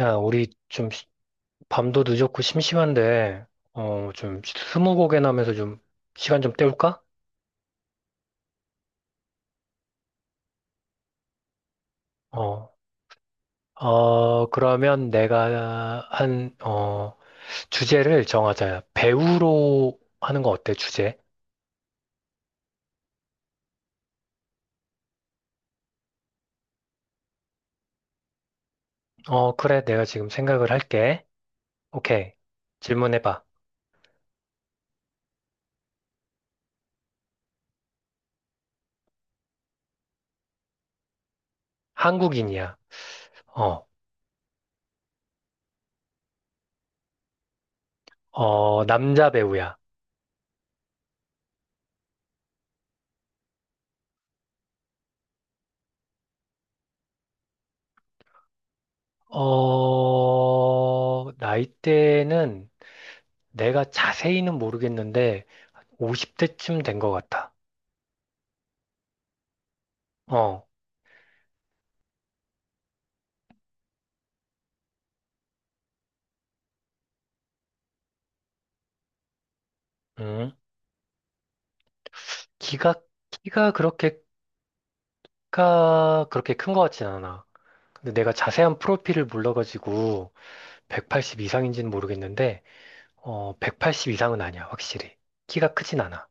야, 우리 좀 밤도 늦었고 심심한데, 좀 스무고개나 하면서 좀 시간 좀 때울까? 어, 그러면 내가 주제를 정하자. 배우로 하는 거 어때, 주제? 어, 그래, 내가 지금 생각을 할게. 오케이. 질문해봐. 한국인이야. 어, 어, 남자 배우야. 나이대는 내가 자세히는 모르겠는데, 50대쯤 된 것 같아. 어, 음, 키가, 키가 그렇게 큰 것 같진 않아. 근데 내가 자세한 프로필을 몰라가지고 180 이상인지는 모르겠는데, 180 이상은 아니야, 확실히. 키가 크진 않아.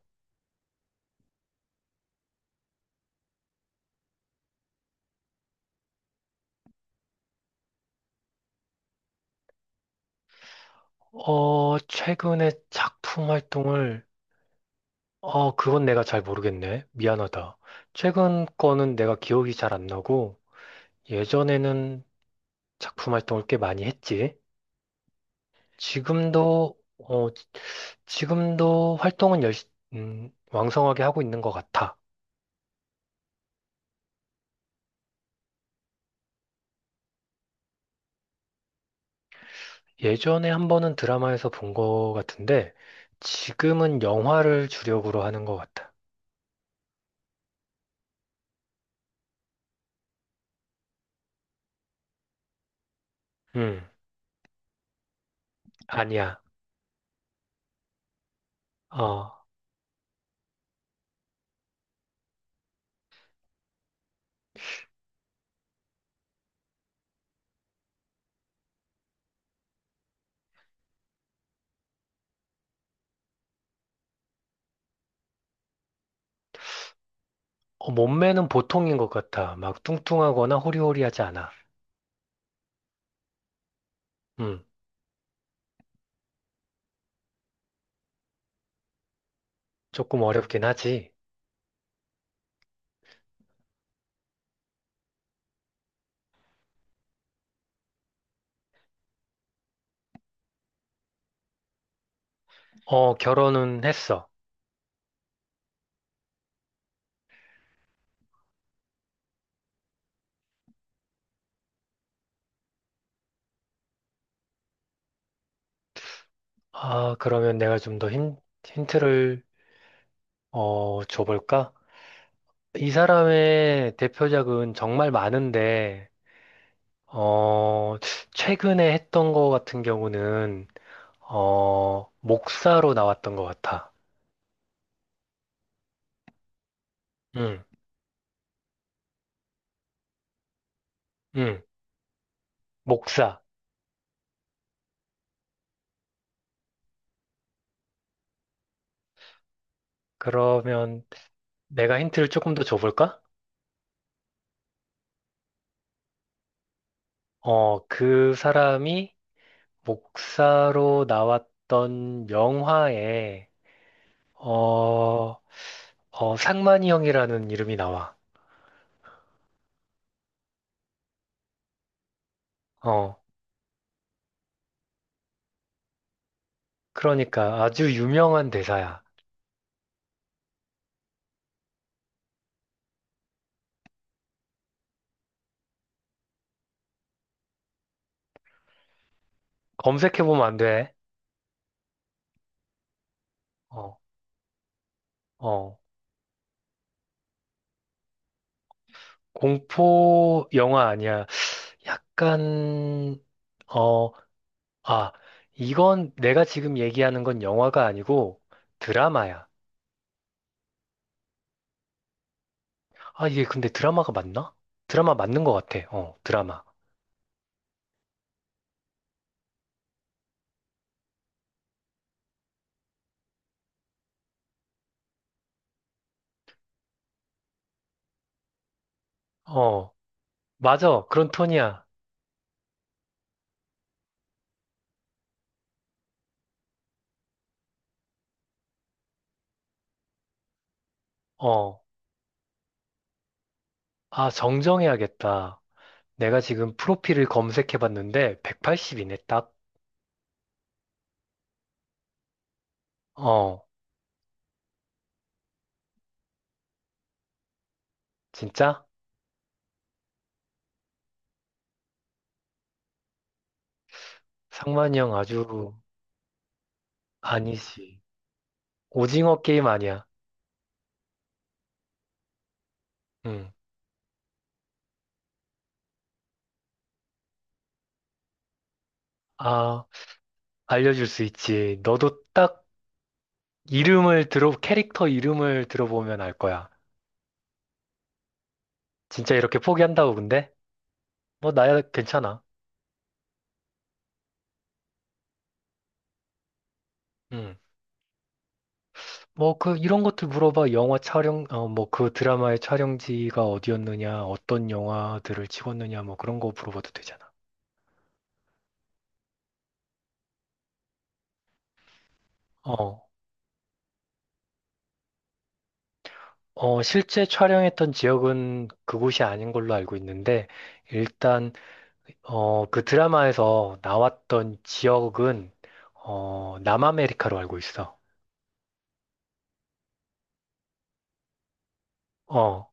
어, 최근에 그건 내가 잘 모르겠네. 미안하다. 최근 거는 내가 기억이 잘 안 나고, 예전에는 작품 활동을 꽤 많이 했지. 지금도, 어, 지- 지금도 활동은 왕성하게 하고 있는 것 같아. 예전에 한 번은 드라마에서 본 것 같은데, 지금은 영화를 주력으로 하는 것 같아. 음, 아니야. 어, 몸매는 보통인 것 같아. 막 뚱뚱하거나 호리호리하지 않아. 음, 조금 어렵긴 하지. 어, 결혼은 했어. 아, 그러면 내가 힌트를, 줘볼까? 이 사람의 대표작은 정말 많은데, 어, 최근에 했던 거 같은 경우는, 목사로 나왔던 것 같아. 응, 응, 목사. 그러면 내가 힌트를 조금 더 줘볼까? 어, 그 사람이 목사로 나왔던 영화에, 어, 상만이 형이라는 이름이 나와. 어, 그러니까 아주 유명한 대사야. 검색해보면 안 돼. 어. 어. 공포 영화 아니야. 약간, 어, 아, 이건 내가 지금 얘기하는 건 영화가 아니고 드라마야. 아, 이게 근데 드라마가 맞나? 드라마 맞는 것 같아. 어, 드라마. 어, 맞아. 그런 톤이야. 어, 아, 정정해야겠다. 내가 지금 프로필을 검색해 봤는데 180이네, 딱. 어, 진짜? 상만이 형 아주 아니지. 오징어 게임 아니야. 응. 아. 알려줄 수 있지. 너도 딱 캐릭터 이름을 들어보면 알 거야. 진짜 이렇게 포기한다고, 근데? 뭐, 나야 괜찮아. 응. 뭐, 그, 이런 것들 물어봐. 뭐, 그 드라마의 촬영지가 어디였느냐, 어떤 영화들을 찍었느냐, 뭐, 그런 거 물어봐도 되잖아. 어, 실제 촬영했던 지역은 그곳이 아닌 걸로 알고 있는데, 일단, 어, 그 드라마에서 나왔던 지역은, 어, 남아메리카로 알고 있어. 어.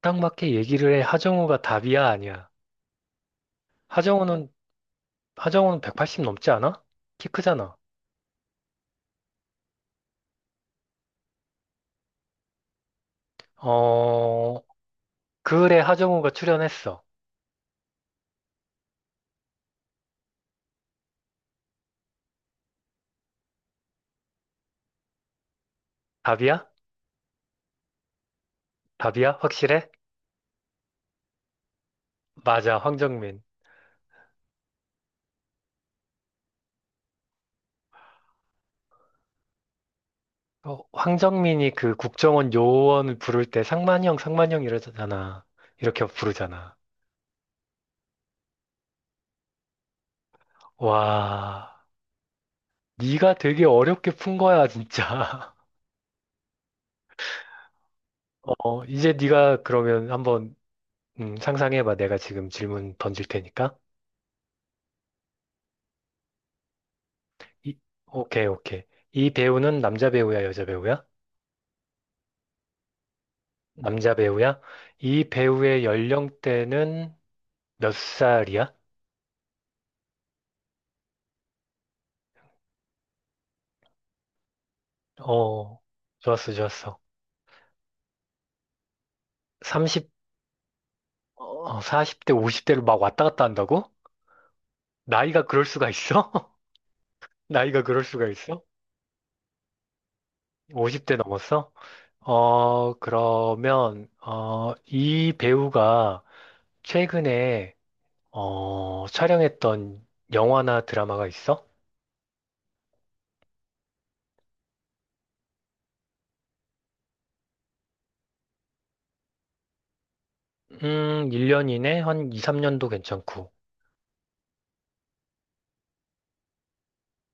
딱 맞게 얘기를 해. 하정우가 답이야, 아니야. 하정우는, 하정우는 180 넘지 않아? 키 크잖아. 어, 그래, 하정우가 출연했어. 답이야? 답이야? 확실해? 맞아, 황정민. 어, 황정민이 그 국정원 요원을 부를 때 상만형, 상만형 이러잖아. 이렇게 부르잖아. 와, 네가 되게 어렵게 푼 거야, 진짜. 어, 이제 네가 그러면 한번 상상해봐. 내가 지금 질문 던질 테니까. 이, 오케이, 오케이. 이 배우는 남자 배우야, 여자 배우야? 남자 배우야? 이 배우의 연령대는 몇 살이야? 어, 좋았어, 좋았어. 30, 어, 40대, 50대로 막 왔다 갔다 한다고? 나이가 그럴 수가 있어? 나이가 그럴 수가 있어? 50대 넘었어? 그러면, 이 배우가 최근에, 어, 촬영했던 영화나 드라마가 있어? 1년 이내 한 2, 3년도 괜찮고.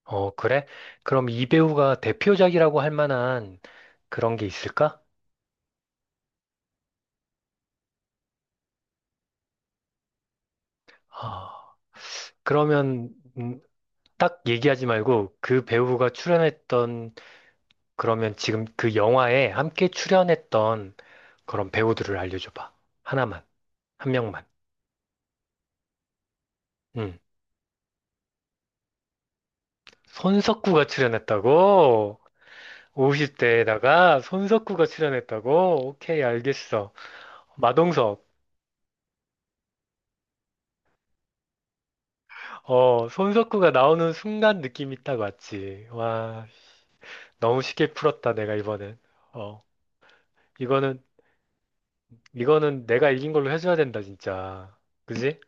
어, 그래? 그럼 이 배우가 대표작이라고 할 만한 그런 게 있을까? 아, 그러면 음, 딱 얘기하지 말고 그 배우가 출연했던 그러면 지금 그 영화에 함께 출연했던 그런 배우들을 알려줘 봐. 하나만, 한 명만. 음. 손석구가 출연했다고? 50대에다가 손석구가 출연했다고? 오케이, 알겠어. 마동석. 어, 손석구가 나오는 순간 느낌이 딱 왔지. 와, 너무 쉽게 풀었다, 내가 이번엔. 어, 이거는, 이거는 내가 이긴 걸로 해줘야 된다, 진짜. 그지?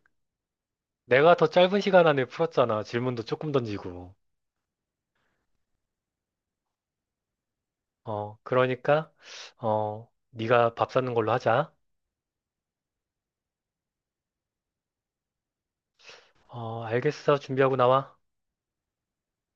내가 더 짧은 시간 안에 풀었잖아. 질문도 조금 던지고. 어, 그러니까, 어, 네가 밥 사는 걸로 하자. 어, 알겠어. 준비하고 나와.